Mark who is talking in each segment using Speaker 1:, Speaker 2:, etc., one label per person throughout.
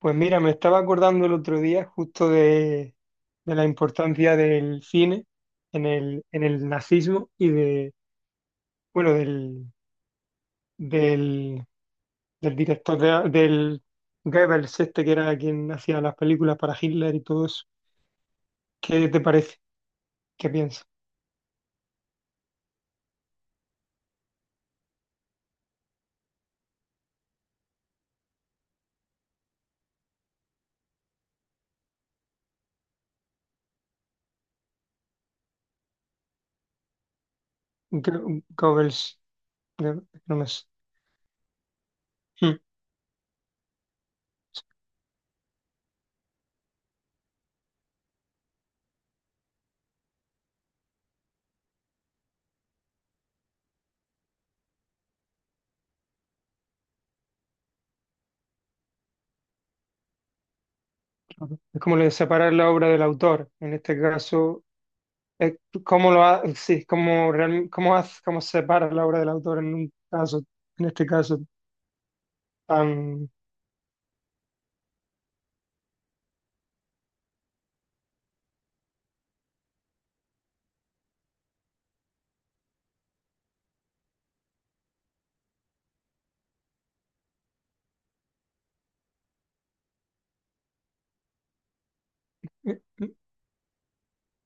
Speaker 1: Pues mira, me estaba acordando el otro día justo de la importancia del cine en el nazismo y de, bueno, del, del director del Goebbels, este que era quien hacía las películas para Hitler y todo eso. ¿Qué te parece? ¿Qué piensas? Goebbels, no, no me sé. Hmm. Es como lo de separar la obra del autor. En este caso, eh, ¿cómo sí, cómo, cómo separa la obra del autor en un caso, en este caso tan, eh,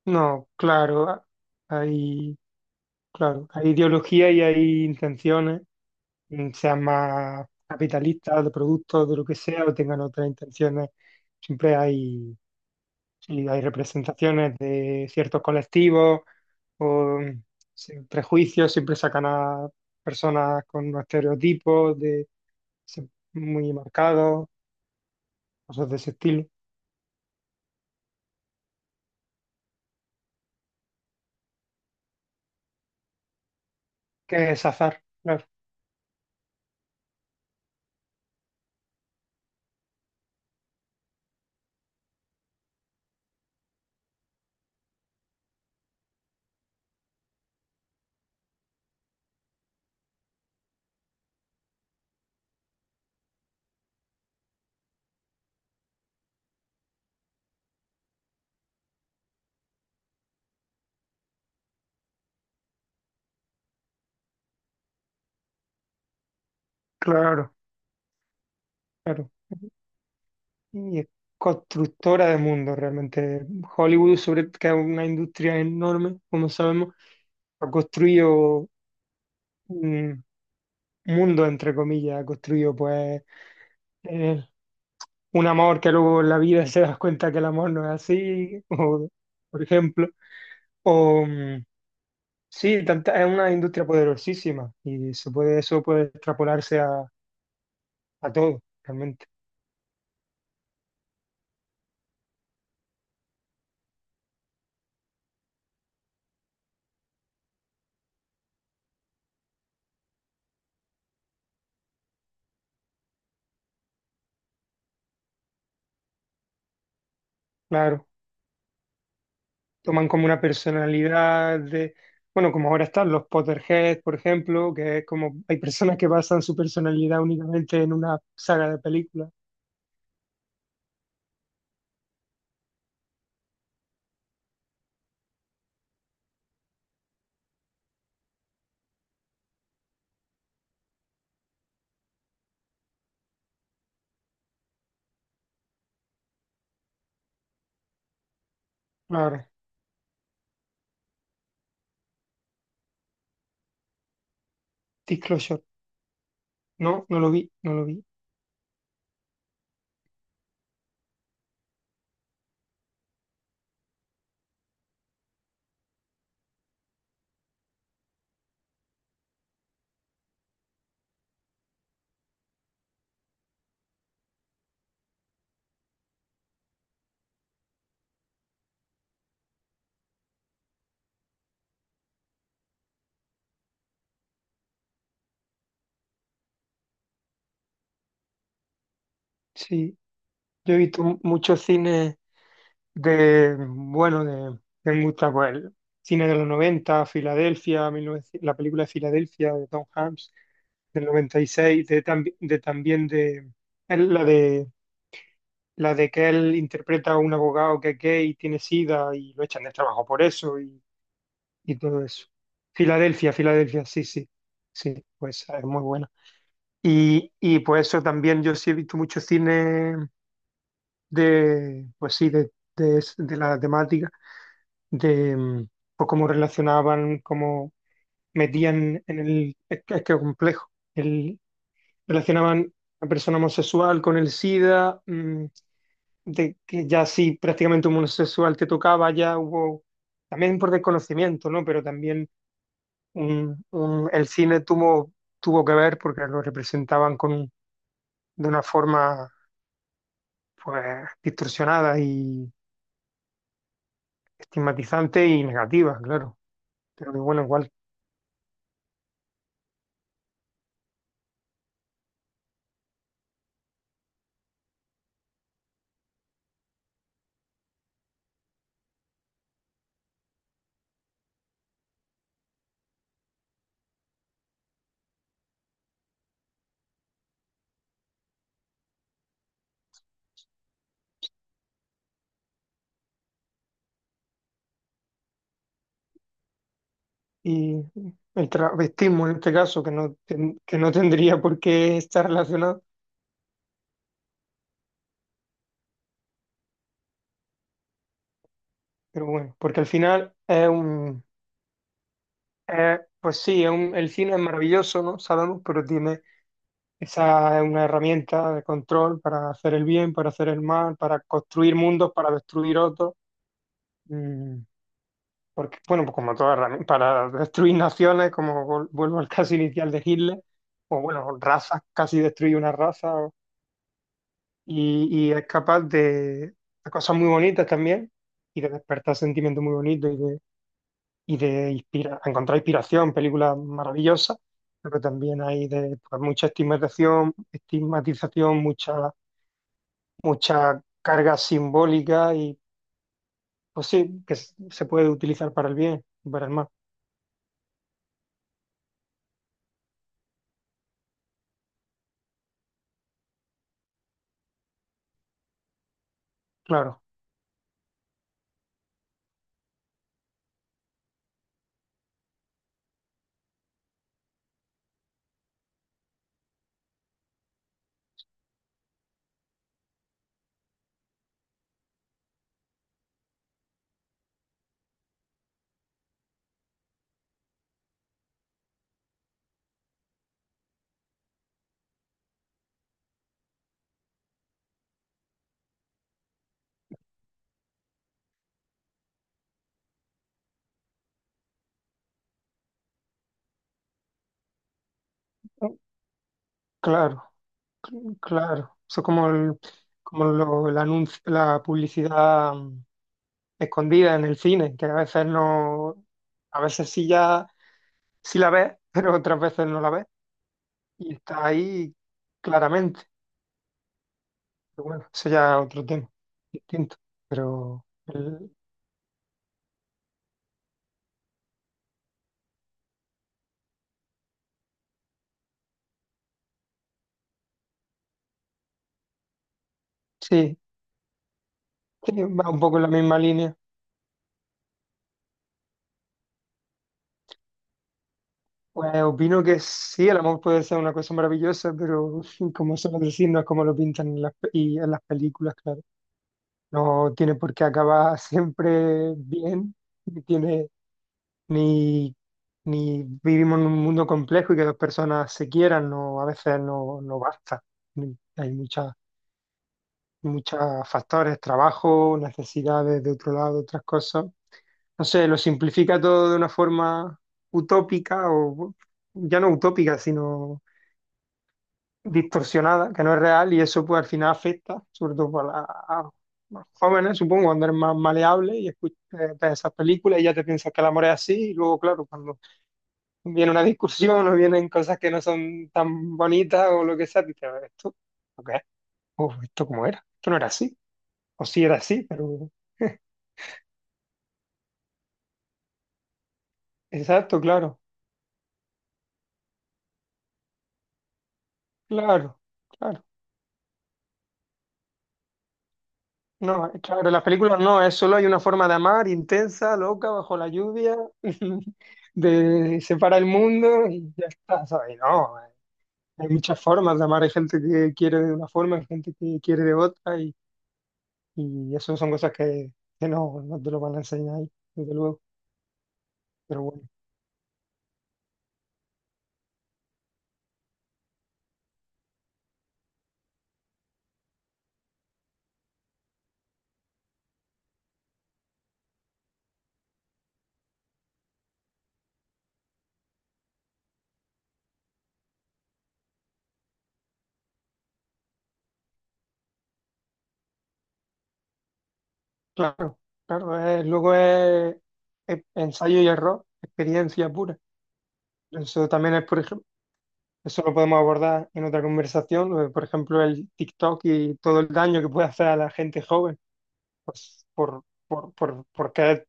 Speaker 1: no, hay, claro, hay ideología y hay intenciones, sean más capitalistas, de productos, de lo que sea, o tengan otras intenciones, siempre hay. Si hay representaciones de ciertos colectivos o sin prejuicios, siempre sacan a personas con unos estereotipos de, se- muy marcados, cosas de ese estilo, que es azar, claro, claro. Y es constructora de mundo realmente. Hollywood, sobre, que es una industria enorme, como sabemos, ha construido mundo, entre comillas, ha construido pues eh, un amor que luego en la vida se das cuenta que el amor no es así, o, por ejemplo. O, sí, es una industria poderosísima y se puede, eso puede extrapolarse a todo, realmente. Claro, toman como una personalidad de, bueno, como ahora están los Potterheads, por ejemplo, que es como hay personas que basan su personalidad únicamente en una saga de películas. Claro, Disclosure. No, no lo vi, no lo vi. Sí, yo he visto muchos cines de, bueno, de mucha, pues, el cine de los 90 Filadelfia, 1900 la película de Filadelfia de Tom Hanks, del noventa y seis de, de también de, es la de que él interpreta a un abogado que es gay, tiene sida y lo echan del trabajo por eso y todo eso. Filadelfia, Filadelfia, sí, sí, sí, pues es muy buena. Y pues eso también yo sí he visto mucho cine de, pues sí, de, de la temática, de pues cómo relacionaban, cómo metían en el, es complejo, el, relacionaban a persona homosexual con el SIDA, mm, de que ya sí, prácticamente un homosexual te tocaba, ya hubo, también por desconocimiento, ¿no? Pero también el cine tuvo, tuvo que ver porque lo representaban con, de una forma, pues, distorsionada y estigmatizante y negativa, claro. Pero que bueno, igual. Y el travestismo en este caso, que no, que no tendría por qué estar relacionado, pero bueno, porque al final es un, pues sí, el cine es maravilloso, ¿no? Sabemos, pero tiene esa, es una herramienta de control para hacer el bien, para hacer el mal, para construir mundos, para destruir otros. Mm, porque, bueno, pues como toda herramienta, para destruir naciones, como vuelvo al caso inicial de Hitler, o bueno, razas, casi destruye una raza, y es capaz de cosas muy bonitas también y de despertar sentimientos muy bonitos y de encontrar inspiración, películas maravillosas, pero también hay de, pues, mucha estigmatización, mucha, mucha carga simbólica y pues sí, que se puede utilizar para el bien y para el mal, claro, claro, claro. Eso es como el, como el anuncio, la publicidad escondida en el cine, que a veces no, a veces sí ya, sí la ves, pero otras veces no la ves. Y está ahí claramente. Pero bueno, eso ya es otro tema, distinto. Pero sí, sí, va un poco en la misma línea. Pues opino que sí, el amor puede ser una cosa maravillosa, pero como suelo decir, no es como lo pintan en las, y en las películas, claro. No tiene por qué acabar siempre bien, ni tiene ni, ni vivimos en un mundo complejo y que dos personas se quieran, no, a veces no, no basta. Hay muchas, muchos factores, trabajo, necesidades de otro lado, otras cosas. No sé, lo simplifica todo de una forma utópica o ya no utópica, sino distorsionada, que no es real y eso pues al final afecta, sobre todo para a jóvenes, supongo, cuando eres más maleable y escuchas, ves esas películas y ya te piensas que el amor es así y luego, claro, cuando viene una discusión o vienen cosas que no son tan bonitas o lo que sea, dices, esto, ¿ok? Uf, ¿esto cómo era? Esto no era así. O sí era así, pero... Exacto, claro, claro, claro. No, claro, en las películas no, es, solo hay una forma de amar, intensa, loca, bajo la lluvia, de separa el mundo y ya está, ¿sabes? No, hay muchas formas de amar, hay gente que quiere de una forma, hay gente que quiere de otra y eso son cosas que no, no te lo van a enseñar ahí, desde luego. Pero bueno. Claro, claro, luego es ensayo y error, experiencia pura. Eso también es, por ejemplo, eso lo podemos abordar en otra conversación, lo de, por ejemplo, el TikTok y todo el daño que puede hacer a la gente joven, pues por, porque es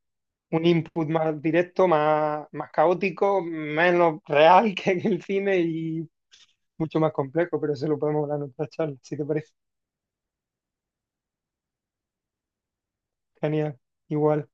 Speaker 1: un input más directo, más, más caótico, menos real que en el cine y mucho más complejo, pero eso lo podemos hablar en otra charla, si te parece. Genial, igual.